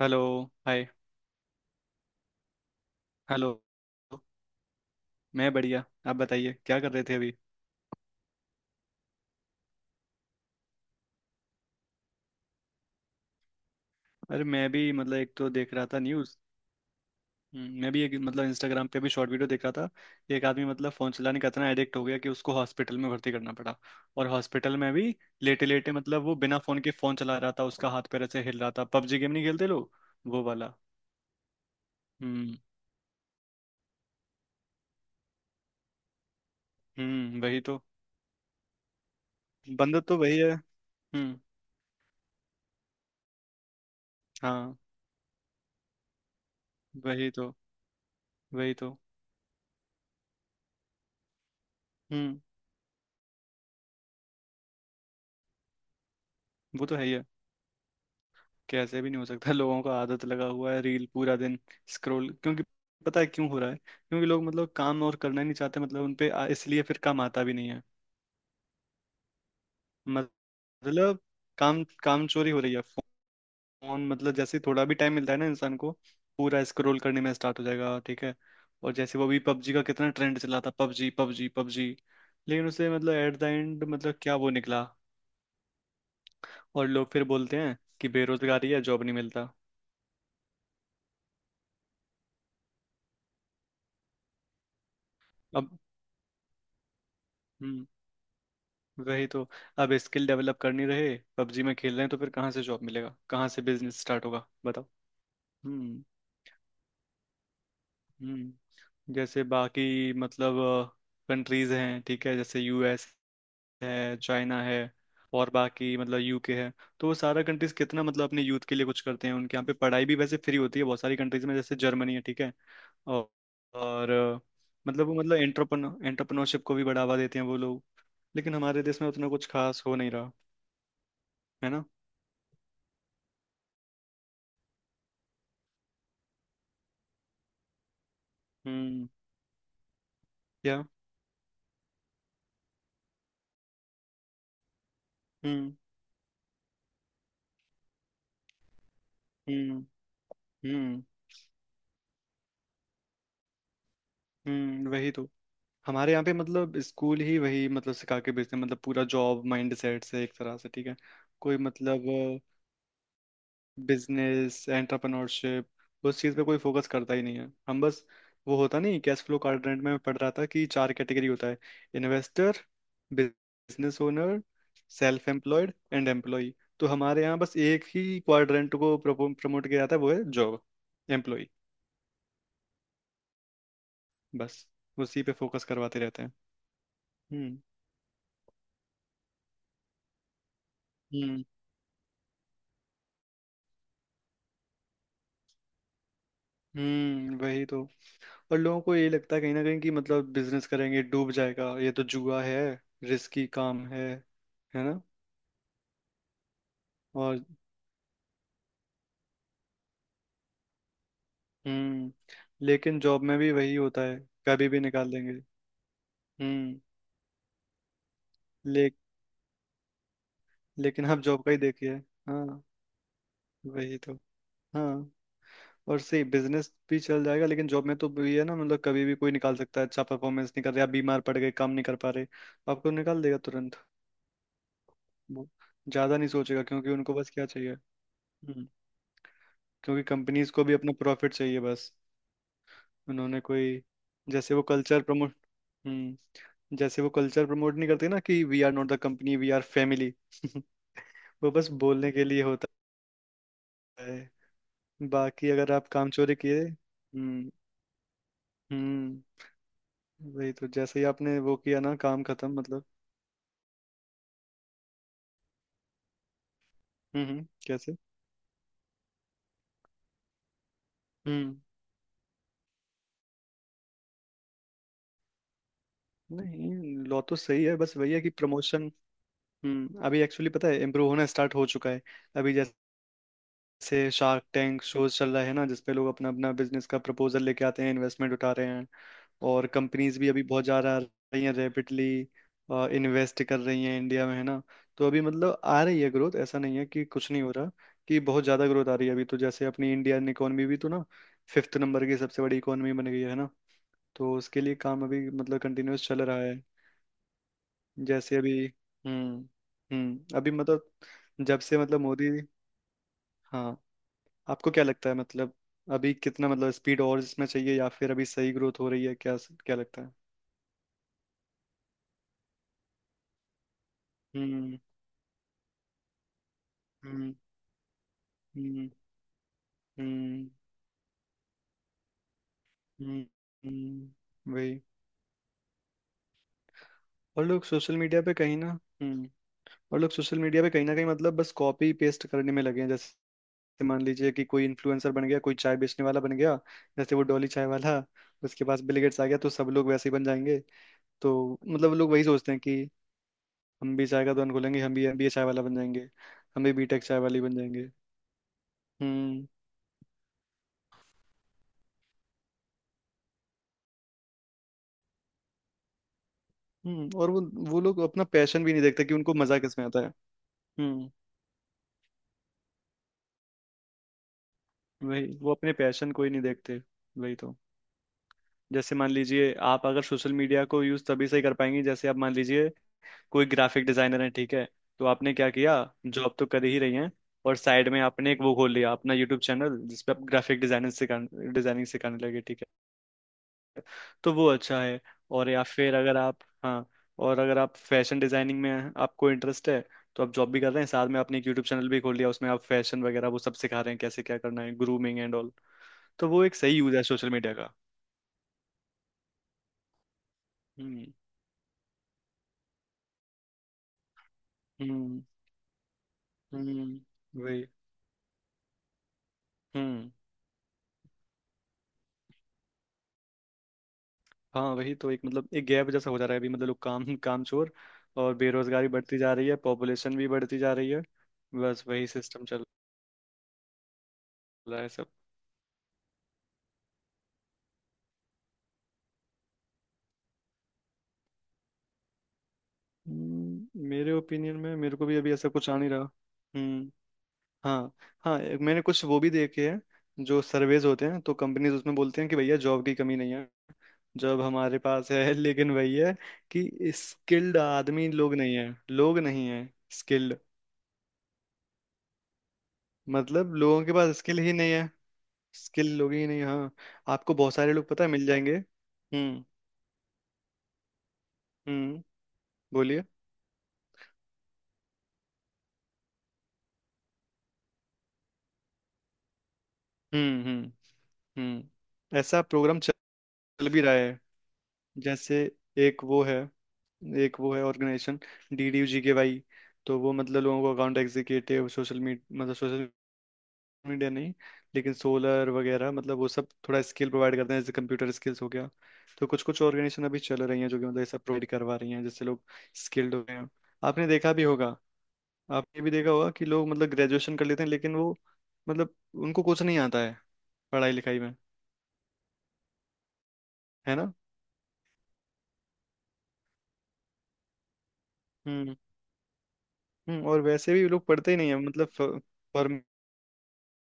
Hello. Hi. Hello. मैं बढ़िया, आप बताइए क्या कर रहे थे अभी? अरे मैं भी मतलब एक तो देख रहा था न्यूज़। मैं भी एक मतलब इंस्टाग्राम पे भी शॉर्ट वीडियो देख रहा था। एक आदमी मतलब फ़ोन चलाने का इतना एडिक्ट हो गया कि उसको हॉस्पिटल में भर्ती करना पड़ा। और हॉस्पिटल में भी लेटे लेटे मतलब वो बिना फ़ोन के फ़ोन चला रहा था, उसका हाथ पैर ऐसे हिल रहा था, पबजी गेम नहीं खेलते लोग? वो वाला। हम्म। हम्म, वही तो। बंदा तो वही है। हम्म। हाँ। वही तो। वही तो। हम्म। वो तो है ही है। कैसे भी नहीं हो सकता, लोगों का आदत लगा हुआ है, रील पूरा दिन स्क्रॉल, क्योंकि पता है क्यों हो रहा है? क्योंकि लोग मतलब काम और करना ही नहीं चाहते, मतलब उन पे इसलिए फिर काम आता भी नहीं है। मतलब काम, काम चोरी हो रही है। फोन मतलब जैसे ही थोड़ा भी टाइम मिलता है ना इंसान को, पूरा स्क्रॉल करने में स्टार्ट हो जाएगा, ठीक है। और जैसे वो भी पबजी का कितना ट्रेंड चला था, पबजी पबजी पबजी। लेकिन उसे मतलब एट द एंड मतलब क्या वो निकला? और लोग फिर बोलते हैं कि बेरोजगारी है, जॉब नहीं मिलता। अब हम्म। वही तो। अब स्किल डेवलप करनी रहे पबजी में खेल रहे हैं, तो फिर कहाँ से जॉब मिलेगा, कहाँ से बिजनेस स्टार्ट होगा, बताओ। हम्म। हम्म, जैसे बाकी मतलब कंट्रीज हैं, ठीक है, जैसे यूएस है, चाइना है, और बाकी मतलब यूके है। तो वो सारा कंट्रीज कितना मतलब अपने यूथ के लिए कुछ करते हैं, उनके यहाँ पे पढ़ाई भी वैसे फ्री होती है बहुत सारी कंट्रीज में, जैसे जर्मनी है, ठीक है। और, और अ, मतलब वो मतलब एंटरप्रनरशिप को भी बढ़ावा देते हैं वो लोग। लेकिन हमारे देश में उतना कुछ खास हो नहीं रहा, है ना। हम्म। हम्म। हम्म। हम्म। हम्म, वही तो। हमारे यहाँ पे मतलब स्कूल ही वही मतलब सिखा के भेजते हैं, मतलब पूरा जॉब माइंड सेट से एक तरह से, ठीक है। कोई मतलब बिजनेस एंटरप्रेन्योरशिप, उस चीज़ पे कोई फोकस करता ही नहीं है। हम बस वो होता नहीं कैश फ्लो क्वाड्रेंट में मैं पढ़ रहा था कि चार कैटेगरी होता है। Investor, business owner, self employed and employ. तो हमारे यहाँ बस एक ही क्वाड्रेंट को प्रमोट किया जाता है, वो है जॉब, एम्प्लॉय। बस उसी पे फोकस करवाते रहते हैं। हम्म। हम्म। हम्म, वही तो। और लोगों को ये लगता है कहीं ना कहीं कि मतलब बिजनेस करेंगे डूब जाएगा, ये तो जुआ है, रिस्की काम है ना। और हम्म, लेकिन जॉब में भी वही होता है, कभी भी निकाल देंगे। हम्म। ले, लेकिन आप जॉब का ही देखिए। हाँ। वही तो। हाँ। और सही बिजनेस भी चल जाएगा, लेकिन जॉब में तो ये है ना, मतलब कभी भी कोई निकाल सकता है। अच्छा परफॉर्मेंस नहीं कर रहे, आप बीमार पड़ गए, काम नहीं कर पा रहे, आपको निकाल देगा तुरंत। वो ज्यादा नहीं सोचेगा क्योंकि उनको बस क्या चाहिए। हम्म। क्योंकि कंपनीज को भी अपना प्रॉफिट चाहिए बस। उन्होंने कोई जैसे वो कल्चर प्रमोट, जैसे वो कल्चर प्रमोट नहीं करते ना कि we are not the company we are family. वो बस बोलने के लिए होता है। बाकी अगर आप काम चोरी किए, हम्म, हम्म वही तो, जैसे ही आपने वो किया ना काम खत्म मतलब। हम्म। कैसे? हम्म, नहीं लॉ तो सही है, बस वही है कि प्रमोशन। हम्म, अभी एक्चुअली पता है इम्प्रूव होना स्टार्ट हो चुका है। अभी जैसे से शार्क टैंक शोज चल रहा है ना, जिसपे लोग अपना अपना बिजनेस का प्रपोजल लेके आते हैं, इन्वेस्टमेंट उठा रहे हैं। और कंपनीज भी अभी बहुत ज़्यादा आ रही हैं रैपिडली, इन्वेस्ट कर रही हैं इंडिया में, है ना। तो अभी मतलब आ रही है ग्रोथ, ऐसा नहीं है कि कुछ नहीं हो रहा, कि बहुत ज़्यादा ग्रोथ आ रही है अभी। तो जैसे अपनी इंडियन इकोनॉमी भी तो ना फिफ्थ नंबर की सबसे बड़ी इकोनॉमी बन गई है ना। तो उसके लिए काम अभी मतलब कंटिन्यूस चल रहा है। जैसे अभी हम्म। हम्म, अभी मतलब जब से मतलब मोदी। हाँ, आपको क्या लगता है मतलब अभी कितना मतलब स्पीड और इसमें चाहिए, या फिर अभी सही ग्रोथ हो रही है क्या, क्या लगता है? हम्म। हम्म। हम्म। हम्म। हम्म। वही। और लोग सोशल मीडिया पे कहीं ना, हम्म, और लोग सोशल मीडिया पे कहीं ना कहीं मतलब बस कॉपी पेस्ट करने में लगे हैं, जैसे मान लीजिए कि कोई इन्फ्लुएंसर बन गया, कोई चाय बेचने वाला बन गया, जैसे वो डॉली चाय वाला, उसके पास बिल गेट्स आ गया, तो सब लोग वैसे ही बन जाएंगे। तो मतलब लोग वही सोचते हैं कि हम भी चाय का दुकान खोलेंगे, हम भी ये चाय वाला बन जाएंगे, हम भी बीटेक चाय वाली बन जाएंगे। हम्म। हम्म, और वो लोग अपना पैशन भी नहीं देखते कि उनको मजा किस में आता है। हम्म वही, वो अपने पैशन को ही नहीं देखते। वही तो, जैसे मान लीजिए आप अगर सोशल मीडिया को यूज तभी से कर पाएंगे जैसे आप मान लीजिए कोई ग्राफिक डिजाइनर है, ठीक है। तो आपने क्या किया, जॉब तो कर ही रही हैं, और साइड में आपने एक वो खोल लिया अपना यूट्यूब चैनल जिसपे आप ग्राफिक डिजाइनिंग सिखा डिजाइनिंग सिखाने लगे, ठीक है। तो वो अच्छा है। और या फिर अगर आप, हाँ, और अगर आप फैशन डिजाइनिंग में आपको इंटरेस्ट है, तो आप जॉब भी कर रहे हैं, साथ में आपने एक यूट्यूब चैनल भी खोल लिया, उसमें आप फैशन वगैरह वो सब सिखा रहे हैं कैसे क्या करना है, ग्रूमिंग एंड ऑल। तो वो एक सही यूज है सोशल मीडिया का। हम्म। हम्म। हम्म, वही। हम्म। हाँ वही तो, एक मतलब एक गैप जैसा हो जा रहा है अभी मतलब लोग काम काम चोर, और बेरोजगारी बढ़ती जा रही है, पॉपुलेशन भी बढ़ती जा रही है। बस वही सिस्टम चल रहा है सब। मेरे ओपिनियन में मेरे को भी अभी ऐसा कुछ आ नहीं रहा। हम्म। हाँ। हाँ एक मैंने कुछ वो भी देखे हैं जो सर्वेज होते हैं, तो कंपनीज उसमें बोलते हैं कि भैया जॉब की कमी नहीं है, जॉब हमारे पास है। लेकिन वही है कि स्किल्ड आदमी लोग नहीं है, लोग नहीं है स्किल्ड, मतलब लोगों के पास स्किल ही नहीं है, स्किल लोग ही नहीं, हाँ। आपको बहुत सारे लोग पता है मिल जाएंगे। हम्म। हम्म, बोलिए। हम्म। हम्म। हम्म, ऐसा प्रोग्राम चल भी रहा है, जैसे एक वो है, एक वो है ऑर्गेनाइजेशन डीडीयू जीके भाई। तो वो मतलब लोगों को अकाउंट एग्जीक्यूटिव सोशल मीडिया, मतलब सोशल मीडिया नहीं, लेकिन सोलर वगैरह मतलब वो सब थोड़ा स्किल प्रोवाइड करते हैं, जैसे कंप्यूटर स्किल्स हो गया। तो कुछ कुछ ऑर्गेनाइजेशन अभी चल रही हैं जो कि मतलब ये सब प्रोवाइड करवा रही हैं, जिससे लोग स्किल्ड हो गए हैं। आपने देखा भी होगा, आपने भी देखा होगा कि लोग मतलब ग्रेजुएशन कर लेते हैं लेकिन वो मतलब उनको कुछ नहीं आता है पढ़ाई लिखाई में, है ना। हम्म। और वैसे भी लोग पढ़ते ही नहीं है मतलब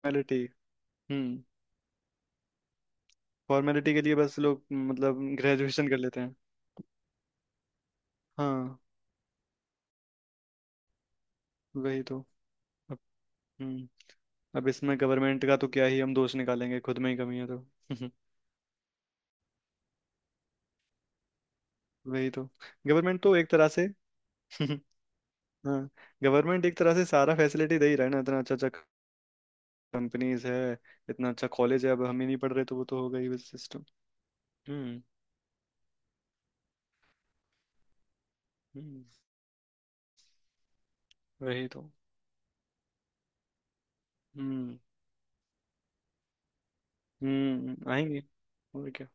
फॉर्मेलिटी, हम्म, फॉर्मेलिटी के लिए बस लोग मतलब ग्रेजुएशन कर लेते हैं। हाँ। वही तो। अब हम्म, अब इसमें गवर्नमेंट का तो क्या ही हम दोष निकालेंगे, खुद में ही कमी है तो। वही तो, गवर्नमेंट तो एक तरह से हाँ, गवर्नमेंट एक तरह से सारा फैसिलिटी दे ही रहा है ना, इतना अच्छा अच्छा कंपनीज है, इतना अच्छा कॉलेज है, अब हम ही नहीं पढ़ रहे तो वो तो हो गई बस सिस्टम। हम्म। हम्म, वही तो। हम्म। हम्म, आएंगे। और क्या।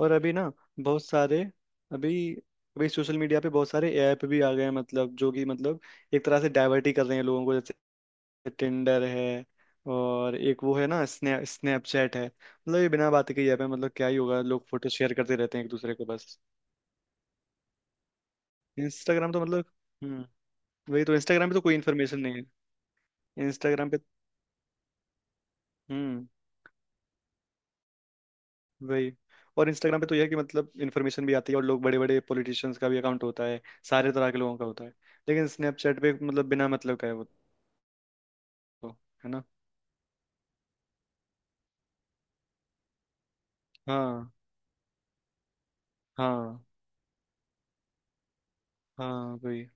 और अभी ना बहुत सारे अभी, अभी सोशल मीडिया पे बहुत सारे ऐप भी आ गए हैं, मतलब जो कि मतलब एक तरह से डाइवर्ट ही कर रहे हैं लोगों को, जैसे टिंडर है, और एक वो है ना स्नैपचैट है, मतलब ये बिना बात के ऐप है, मतलब क्या ही होगा, लोग फोटो शेयर करते रहते हैं एक दूसरे को बस। इंस्टाग्राम तो मतलब, हम्म वही तो, इंस्टाग्राम पे तो कोई इन्फॉर्मेशन नहीं है इंस्टाग्राम पे। हम्म वही, और इंस्टाग्राम पे तो यह है कि मतलब इन्फॉर्मेशन भी आती है और लोग बड़े बड़े पॉलिटिशियंस का भी अकाउंट होता है, सारे तरह के लोगों का होता है। लेकिन स्नैपचैट पे मतलब बिना मतलब का है वो। हो, है ना। हाँ। हाँ। हाँ वही।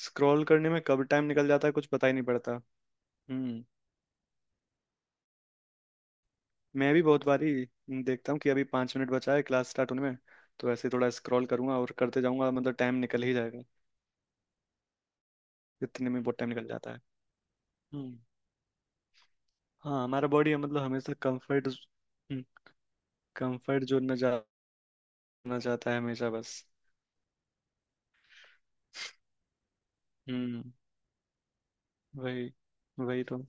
स्क्रॉल करने में कब टाइम निकल जाता है कुछ पता ही नहीं पड़ता। हम्म। मैं भी बहुत बारी देखता हूँ कि अभी पाँच मिनट बचा है क्लास स्टार्ट होने में, तो ऐसे ही थोड़ा स्क्रॉल करूंगा और करते जाऊंगा, मतलब टाइम निकल ही जाएगा। इतने में बहुत टाइम निकल जाता है। हम्म। हाँ हमारा बॉडी मतलब हमेशा कंफर्ट कंफर्ट जोन में जाना चाहता है हमेशा बस। हम्म, वही। वही तो।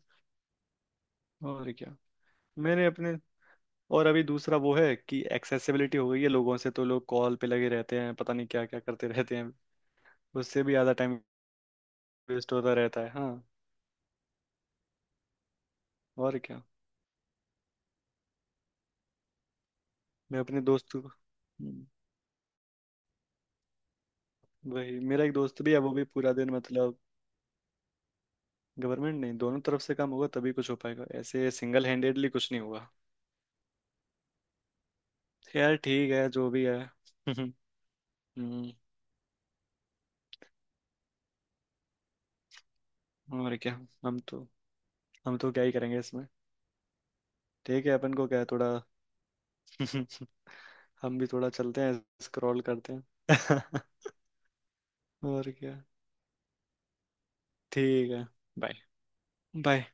और क्या। मैंने अपने, और अभी दूसरा वो है कि एक्सेसिबिलिटी हो गई है लोगों से, तो लोग कॉल पे लगे रहते हैं, पता नहीं क्या क्या करते रहते हैं, उससे भी ज़्यादा टाइम वेस्ट होता रहता है, हाँ। और क्या। मैं अपने दोस्त को वही मेरा एक दोस्त भी है वो भी पूरा दिन मतलब, गवर्नमेंट नहीं दोनों तरफ से काम होगा तभी कुछ हो पाएगा, ऐसे सिंगल हैंडेडली कुछ नहीं होगा। तो यार ठीक है जो भी है। हम्म। और क्या। हम तो, हम तो क्या ही करेंगे इसमें। ठीक है अपन को क्या है थोड़ा। हम भी थोड़ा चलते हैं स्क्रॉल करते हैं। और क्या। ठीक है। बाय। बाय।